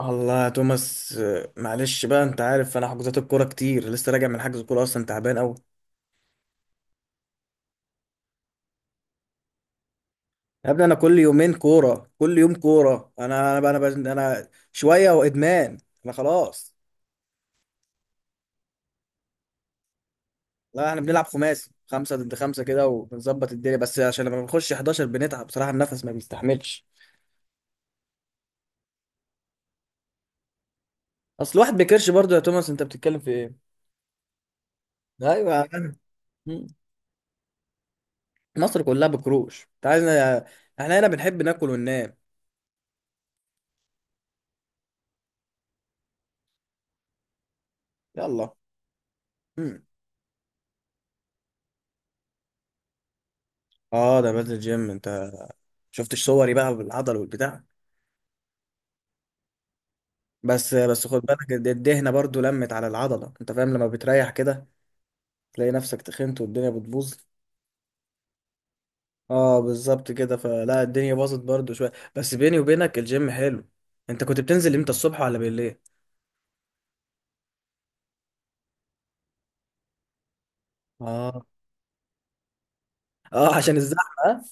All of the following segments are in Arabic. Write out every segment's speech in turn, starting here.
الله يا توماس معلش بقى، انت عارف انا حجوزات الكوره كتير، لسه راجع من حجز كوره، اصلا تعبان قوي. يا ابني انا كل يومين كوره، كل يوم كوره، انا انا بقى انا, بقى أنا شويه وادمان. انا خلاص. لا، احنا بنلعب خماسي، خمسه ضد خمسه كده، وبنظبط الدنيا، بس عشان لما بنخش 11 بنتعب بصراحه، النفس ما بيستحملش. اصل الواحد بيكرش برضه يا توماس، انت بتتكلم في ايه؟ ايوه يا عم. مم. مصر كلها بكروش، انت عايزنا؟ احنا هنا بنحب ناكل وننام. يلا. مم. اه، ده بنزل جيم. انت شفتش صوري بقى بالعضل والبتاع؟ بس بس خد بالك، الدهنه برضو لمت على العضله، انت فاهم؟ لما بتريح كده تلاقي نفسك تخنت والدنيا بتبوظ. اه بالظبط كده، فلا الدنيا باظت برضو شويه، بس بيني وبينك الجيم حلو. انت كنت بتنزل امتى، الصبح ولا بالليل؟ اه. اه، عشان الزحمه ها؟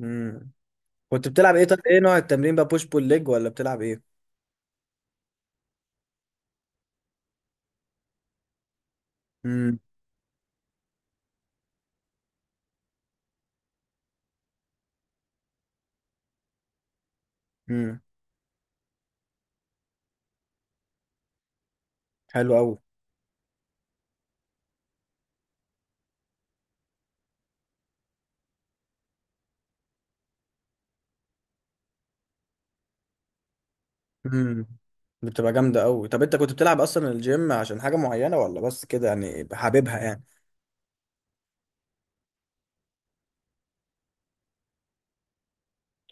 امم. كنت بتلعب ايه؟ طب ايه نوع التمرين بقى، بوش بول ليج ولا بتلعب ايه؟ امم. امم. حلو قوي. امم. بتبقى جامده قوي. طب انت كنت بتلعب اصلا الجيم عشان حاجه معينه، ولا بس كده يعني حاببها يعني؟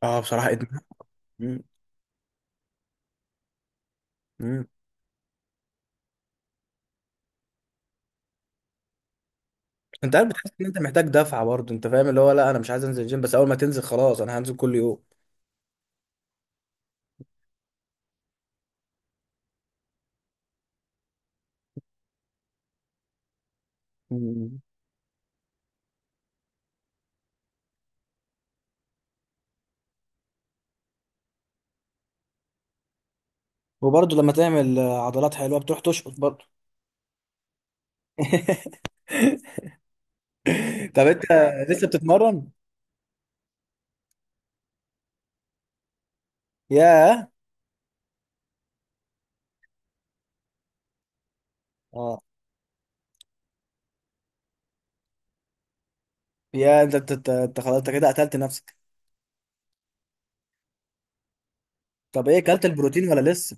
اه بصراحه ادمان. مم. مم. انت عارف، بتحس ان انت محتاج دفعه برضه، انت فاهم؟ اللي هو لا انا مش عايز انزل الجيم، بس اول ما تنزل خلاص انا هنزل كل يوم. مم. وبرضه لما تعمل عضلات حلوه بتروح تشقط برضه. طب انت لسه بتتمرن؟ ياه. اه. يا انت خلاص، انت كده قتلت نفسك. طب ايه، اكلت البروتين ولا لسه؟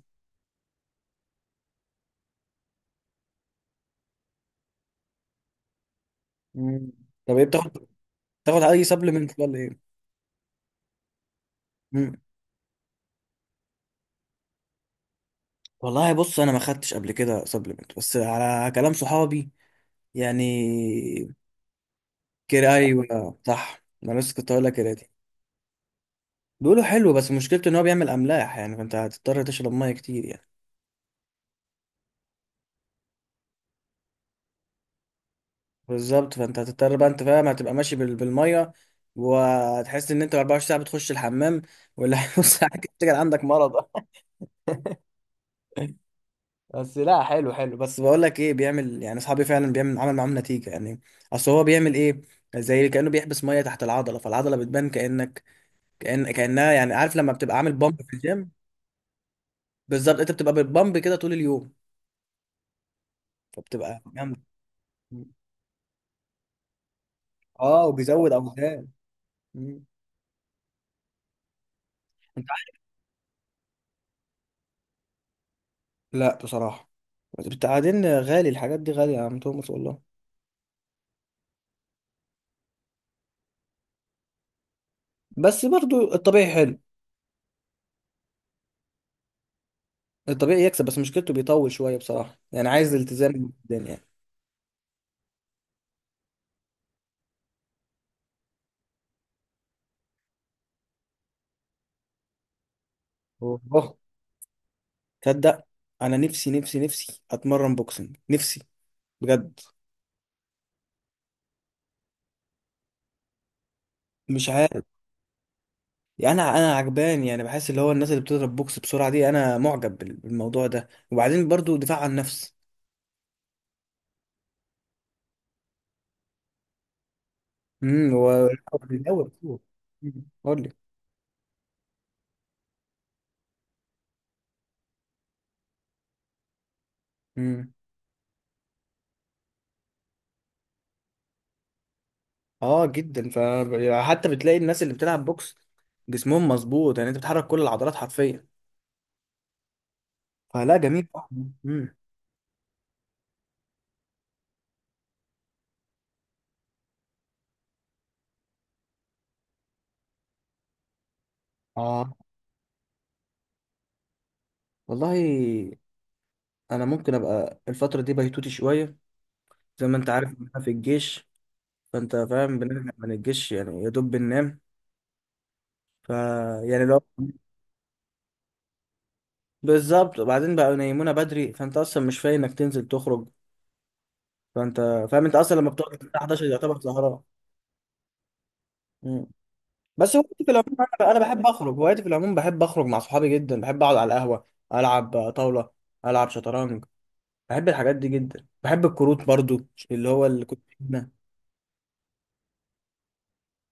مم. طب ايه بتاخد، بتاخد اي سبلمنت ولا ايه؟ مم. والله بص، انا ما خدتش قبل كده سبلمنت، بس على كلام صحابي يعني. كده ايوه صح، انا لسه كنت هقول لك كده دي. بيقولوا حلو، بس مشكلته ان هو بيعمل املاح يعني، فانت هتضطر تشرب ميه كتير يعني. بالظبط، فانت هتضطر بقى، انت فاهم، هتبقى ماشي بالميه، وهتحس ان انت 24 ساعه بتخش الحمام، ولا نص ساعه كده تفتكر عندك مرض. بس لا، حلو حلو، بس بقول لك ايه، بيعمل يعني، اصحابي فعلا بيعمل، عمل معاهم نتيجه يعني. اصل هو بيعمل ايه؟ زي كانه بيحبس ميه تحت العضله، فالعضله بتبان كانك، كانها يعني، عارف لما بتبقى عامل بامب في الجيم؟ بالظبط، انت بتبقى بالبامب كده طول اليوم، فبتبقى. اه، وبيزود اوزان. مم. انت عارف- لا بصراحه، بعدين غالي، الحاجات دي غاليه يا عم توماس والله. بس برضو الطبيعي حلو. الطبيعي يكسب، بس مشكلته بيطول شويه بصراحه، يعني عايز التزام جدا يعني. هو اه، تصدق انا نفسي اتمرن بوكسنج، نفسي بجد. مش عارف يعني، انا عجبان يعني، بحس اللي هو الناس اللي بتضرب بوكس بسرعه دي، انا معجب بالموضوع ده، وبعدين برضو دفاع عن النفس. و قول لي. امم. اه جدا، فحتى بتلاقي الناس اللي بتلعب بوكس جسمهم مظبوط، يعني انت بتحرك كل العضلات حرفيا. فلا جميل. امم. اه. والله انا ممكن ابقى الفتره دي بيتوتي شويه، زي ما انت عارف احنا في الجيش، فانت فاهم بنرجع من الجيش يعني يا دوب بننام. ف، يعني لو. بالظبط، وبعدين بقى ينيمونا بدري، فانت اصلا مش فايق انك تنزل تخرج، فانت فاهم، انت اصلا لما بتقعد الساعه 11 يعتبر سهران. مم. بس هوايتي في العموم، أنا بحب اخرج، هوايتي في العموم بحب اخرج مع صحابي، جدا بحب اقعد على القهوه، العب طاوله، العب شطرنج، بحب الحاجات دي جدا، بحب الكروت برضو، اللي هو اللي كنت ما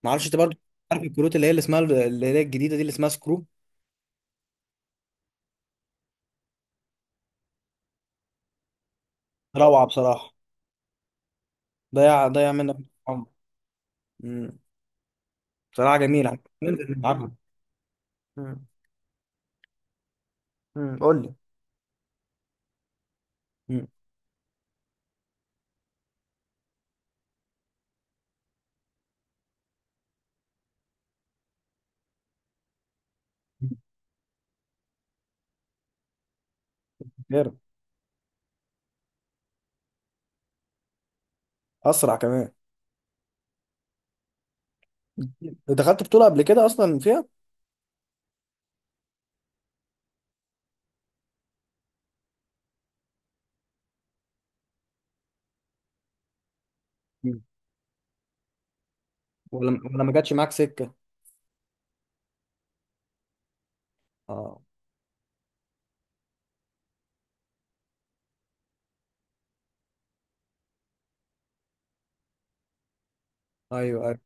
اعرفش انت برضو، عارف الكروت اللي هي اللي اسمها، اللي هي الجديده دي اللي اسمها سكرو؟ روعه بصراحه. ضيع منك عمر. أمم. بصراحه جميله، ننزل نلعبها. أمم. أمم. قول لي. أمم. غير. اسرع كمان. دخلت بطوله قبل كده اصلا فيها. أمم. ولا ما جاتش معاك سكه؟ اه. ايوه أيوه.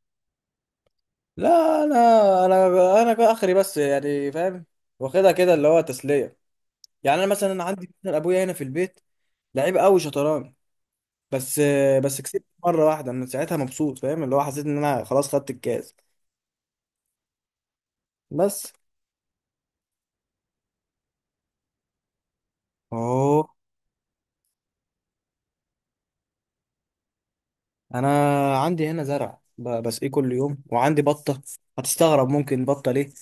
لا، انا كده اخري بس يعني، فاهم، واخدها كده اللي هو تسليه. يعني انا مثلا عندي مثلاً ابويا هنا في البيت، لعيب قوي شطرنج، بس بس كسبت مره واحده، من ساعتها مبسوط، فاهم اللي هو حسيت ان انا خلاص خدت الكاس. بس. اوه. انا عندي هنا زرع، بسقيه كل يوم، وعندي بطه. هتستغرب ممكن بطه ليه،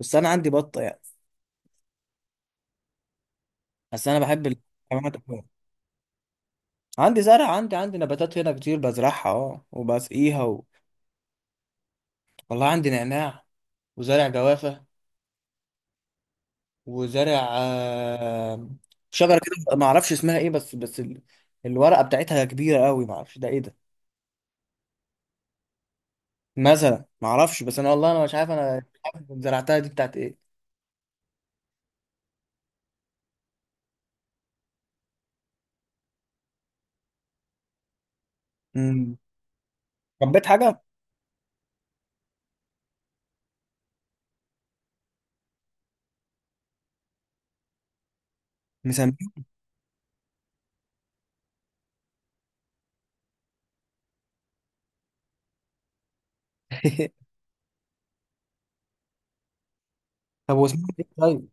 بس انا عندي بطه يعني. بس انا بحب الحيوانات أوي. عندي زرع، عندي نباتات هنا كتير بزرعها، اه وبسقيها و... والله عندي نعناع، وزارع جوافة، وزارع شجرة كده ما اعرفش اسمها ايه، بس الورقة بتاعتها كبيرة قوي، ما اعرفش ده ايه ده. مثلا ما اعرفش، بس انا والله انا مش عارف، انا مش عارف زرعتها دي بتاعت ايه. امم. ربيت حاجة؟ مسميها؟ طب واسمها ايه طيب؟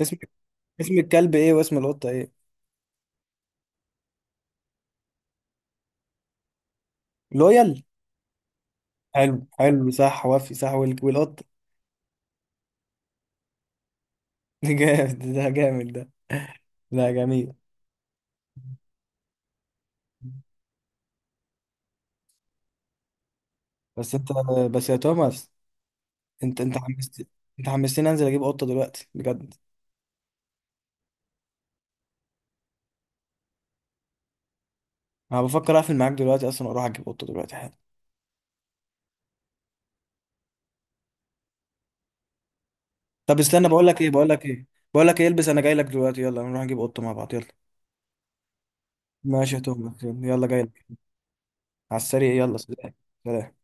اسم، اسم الكلب ايه واسم القطة ايه؟ لويال. حلو حلو صح، وفي صح، والقطة؟ جامد ده، جامد ده. لا جميل. بس انت، بس يا توماس، انت انت حمست، انت حمستني انزل اجيب قطة دلوقتي بجد. انا بفكر اقفل معاك دلوقتي اصلا واروح اجيب قطه دلوقتي حالا. طب استنى، بقول لك ايه بقول لك ايه بقول لك ايه، البس انا جاي لك دلوقتي، يلا نروح نجيب قطه مع بعض، يلا. ماشي يا توماس، يلا جاي لك. على السريع، يلا سلام. سلام.